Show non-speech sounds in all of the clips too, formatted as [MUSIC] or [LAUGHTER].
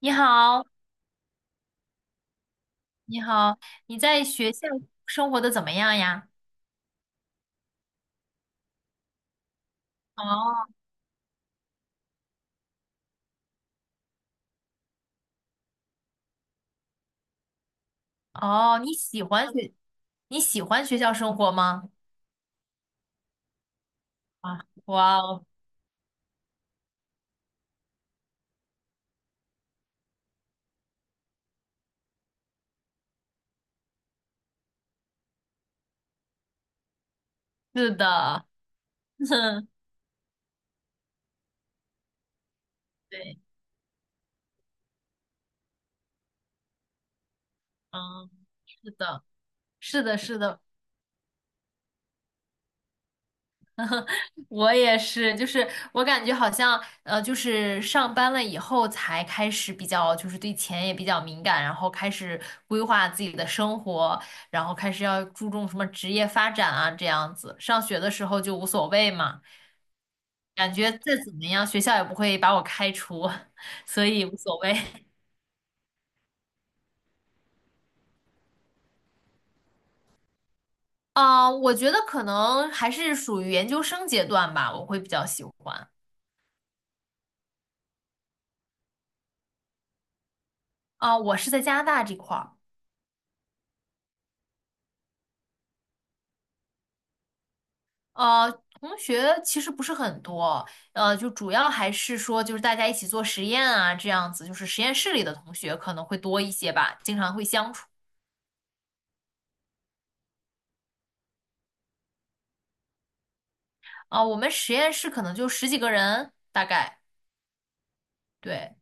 你好，你好，你在学校生活的怎么样呀？哦哦，你喜欢学校生活吗？啊，哇哦，是的，[LAUGHS] 对，嗯，是的，是的，是的，我也是，就是我感觉好像，就是上班了以后才开始比较，就是对钱也比较敏感，然后开始规划自己的生活，然后开始要注重什么职业发展啊，这样子。上学的时候就无所谓嘛，感觉再怎么样，学校也不会把我开除，[LAUGHS] 所以无所谓。[LAUGHS] 啊、我觉得可能还是属于研究生阶段吧，我会比较喜欢。啊、我是在加拿大这块儿。呃，同学其实不是很多，就主要还是说就是大家一起做实验啊，这样子，就是实验室里的同学可能会多一些吧，经常会相处。啊、我们实验室可能就十几个人，大概，对，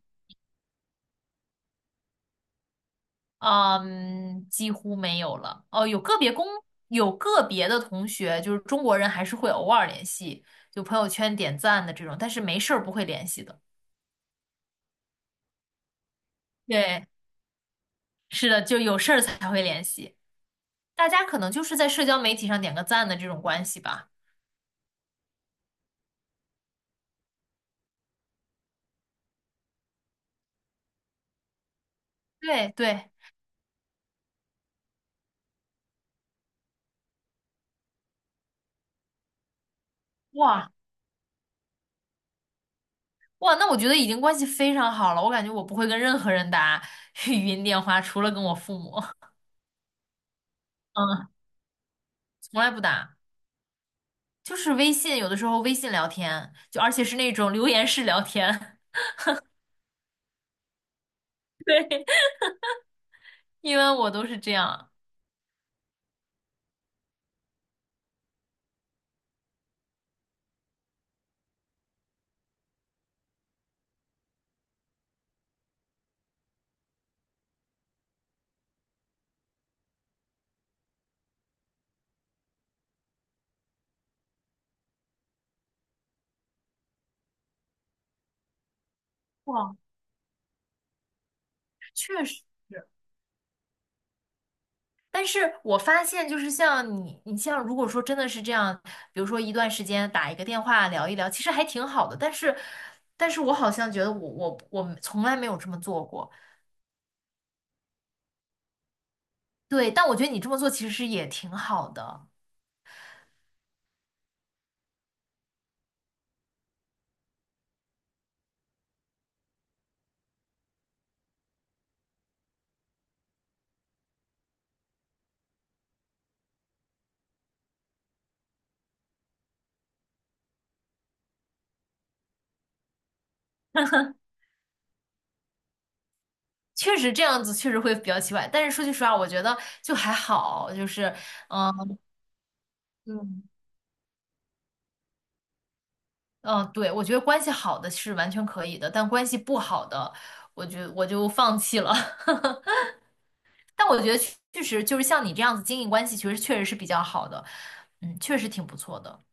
嗯，几乎没有了。哦、有个别的同学，就是中国人还是会偶尔联系，就朋友圈点赞的这种，但是没事儿不会联系的。对，是的，就有事儿才会联系。大家可能就是在社交媒体上点个赞的这种关系吧。对对，哇哇，那我觉得已经关系非常好了。我感觉我不会跟任何人打 [LAUGHS] 语音电话，除了跟我父母，嗯，从来不打。就是微信，有的时候微信聊天，就而且是那种留言式聊天，[LAUGHS] 因为我都是这样。哇，确实。但是我发现，就是你像如果说真的是这样，比如说一段时间打一个电话聊一聊，其实还挺好的。但是，我好像觉得我从来没有这么做过。对，但我觉得你这么做其实也挺好的，确实这样子确实会比较奇怪。但是说句实话，我觉得就还好，就是嗯嗯，嗯，对，我觉得关系好的是完全可以的，但关系不好的，我就放弃了。[LAUGHS] 但我觉得确实就是像你这样子经营关系，其实确实是比较好的，嗯，确实挺不错的。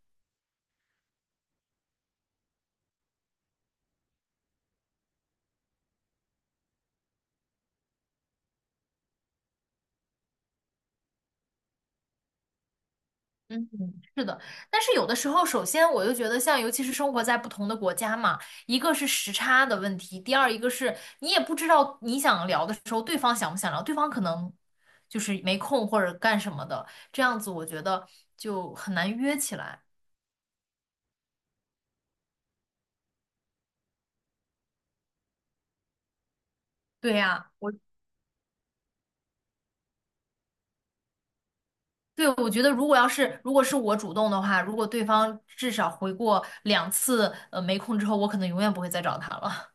嗯嗯是的，但是有的时候，首先我就觉得，像尤其是生活在不同的国家嘛，一个是时差的问题，第二一个是你也不知道你想聊的时候，对方想不想聊，对方可能就是没空或者干什么的，这样子我觉得就很难约起来。对呀。对，我觉得如果是我主动的话，如果对方至少回过两次，没空之后，我可能永远不会再找他了。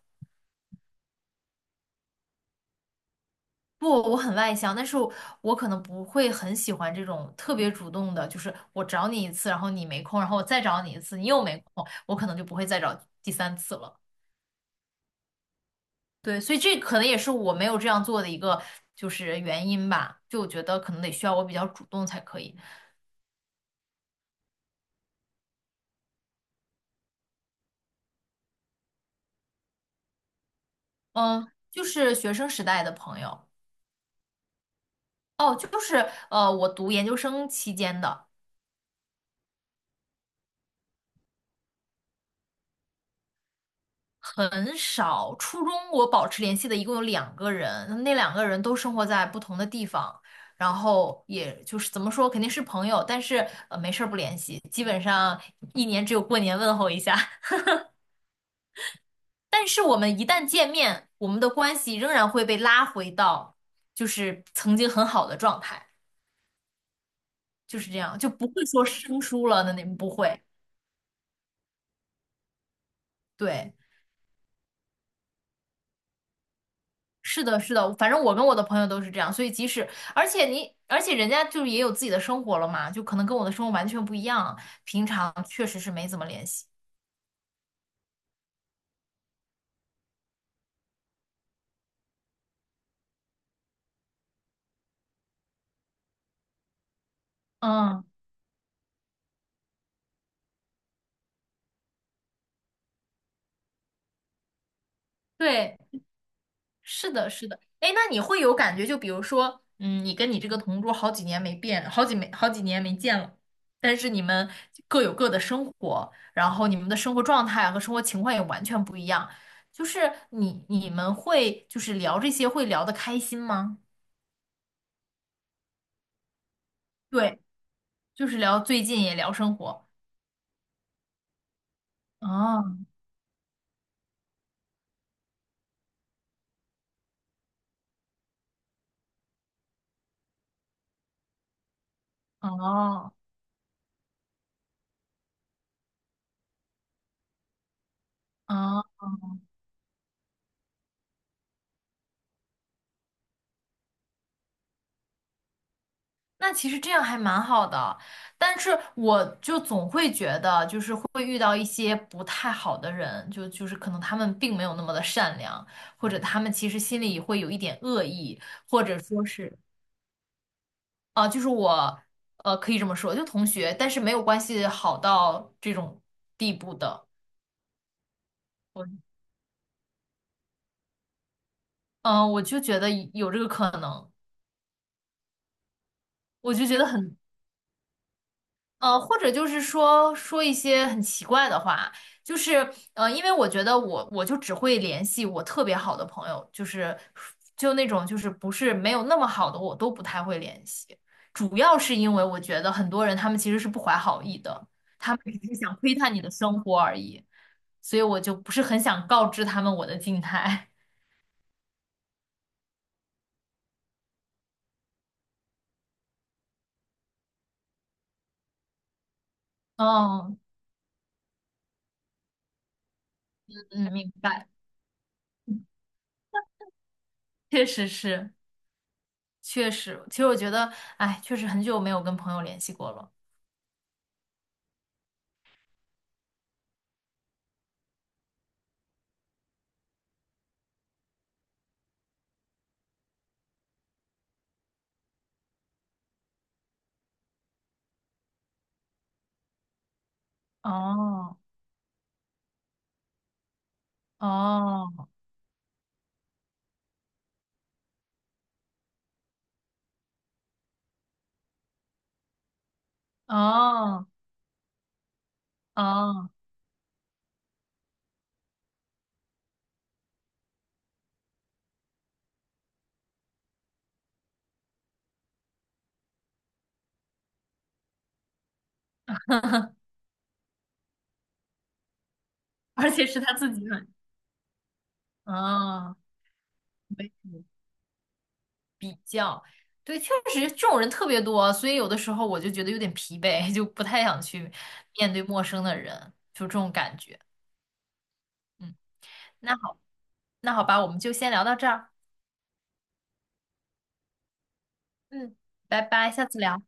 [LAUGHS] 不，我很外向，但是我可能不会很喜欢这种特别主动的，就是我找你一次，然后你没空，然后我再找你一次，你又没空，我可能就不会再找第三次了。对，所以这可能也是我没有这样做的一个就是原因吧。就我觉得可能得需要我比较主动才可以。嗯，就是学生时代的朋友。哦，就是我读研究生期间的很少，初中我保持联系的一共有两个人，那两个人都生活在不同的地方，然后也就是怎么说，肯定是朋友，但是没事儿不联系，基本上一年只有过年问候一下。[LAUGHS] 但是我们一旦见面，我们的关系仍然会被拉回到就是曾经很好的状态，就是这样，就不会说生疏了的那不会，对。是的，是的，反正我跟我的朋友都是这样，所以即使，而且人家就是也有自己的生活了嘛，就可能跟我的生活完全不一样，平常确实是没怎么联系。嗯，对，是的，是的。哎，那你会有感觉，就比如说，嗯，你跟你这个同桌好几年没变，好几没好几年没见了，但是你们各有各的生活，然后你们的生活状态啊和生活情况也完全不一样，就是你们会就是聊这些会聊得开心吗？对。就是聊最近也聊生活。啊哦啊！那其实这样还蛮好的，但是我就总会觉得，就是会遇到一些不太好的人，就是可能他们并没有那么的善良，或者他们其实心里会有一点恶意，或者说是，啊、就是我，可以这么说，就同学，但是没有关系好到这种地步的，我，嗯、我就觉得有这个可能，我就觉得很。或者就是说说一些很奇怪的话，就是因为我觉得我就只会联系我特别好的朋友，就是就那种就是不是没有那么好的我都不太会联系，主要是因为我觉得很多人他们其实是不怀好意的，他们只是想窥探你的生活而已，所以我就不是很想告知他们我的静态。[LAUGHS] 嗯嗯，明白，确实是，确实，其实我觉得，哎，确实很久没有跟朋友联系过了。哦哦哦哦，而且是他自己买。哦，没谱对，确实这种人特别多，所以有的时候我就觉得有点疲惫，[LAUGHS] 就不太想去面对陌生的人，就这种感觉。嗯，那好，那好吧，我们就先聊到这儿。嗯，拜拜，下次聊。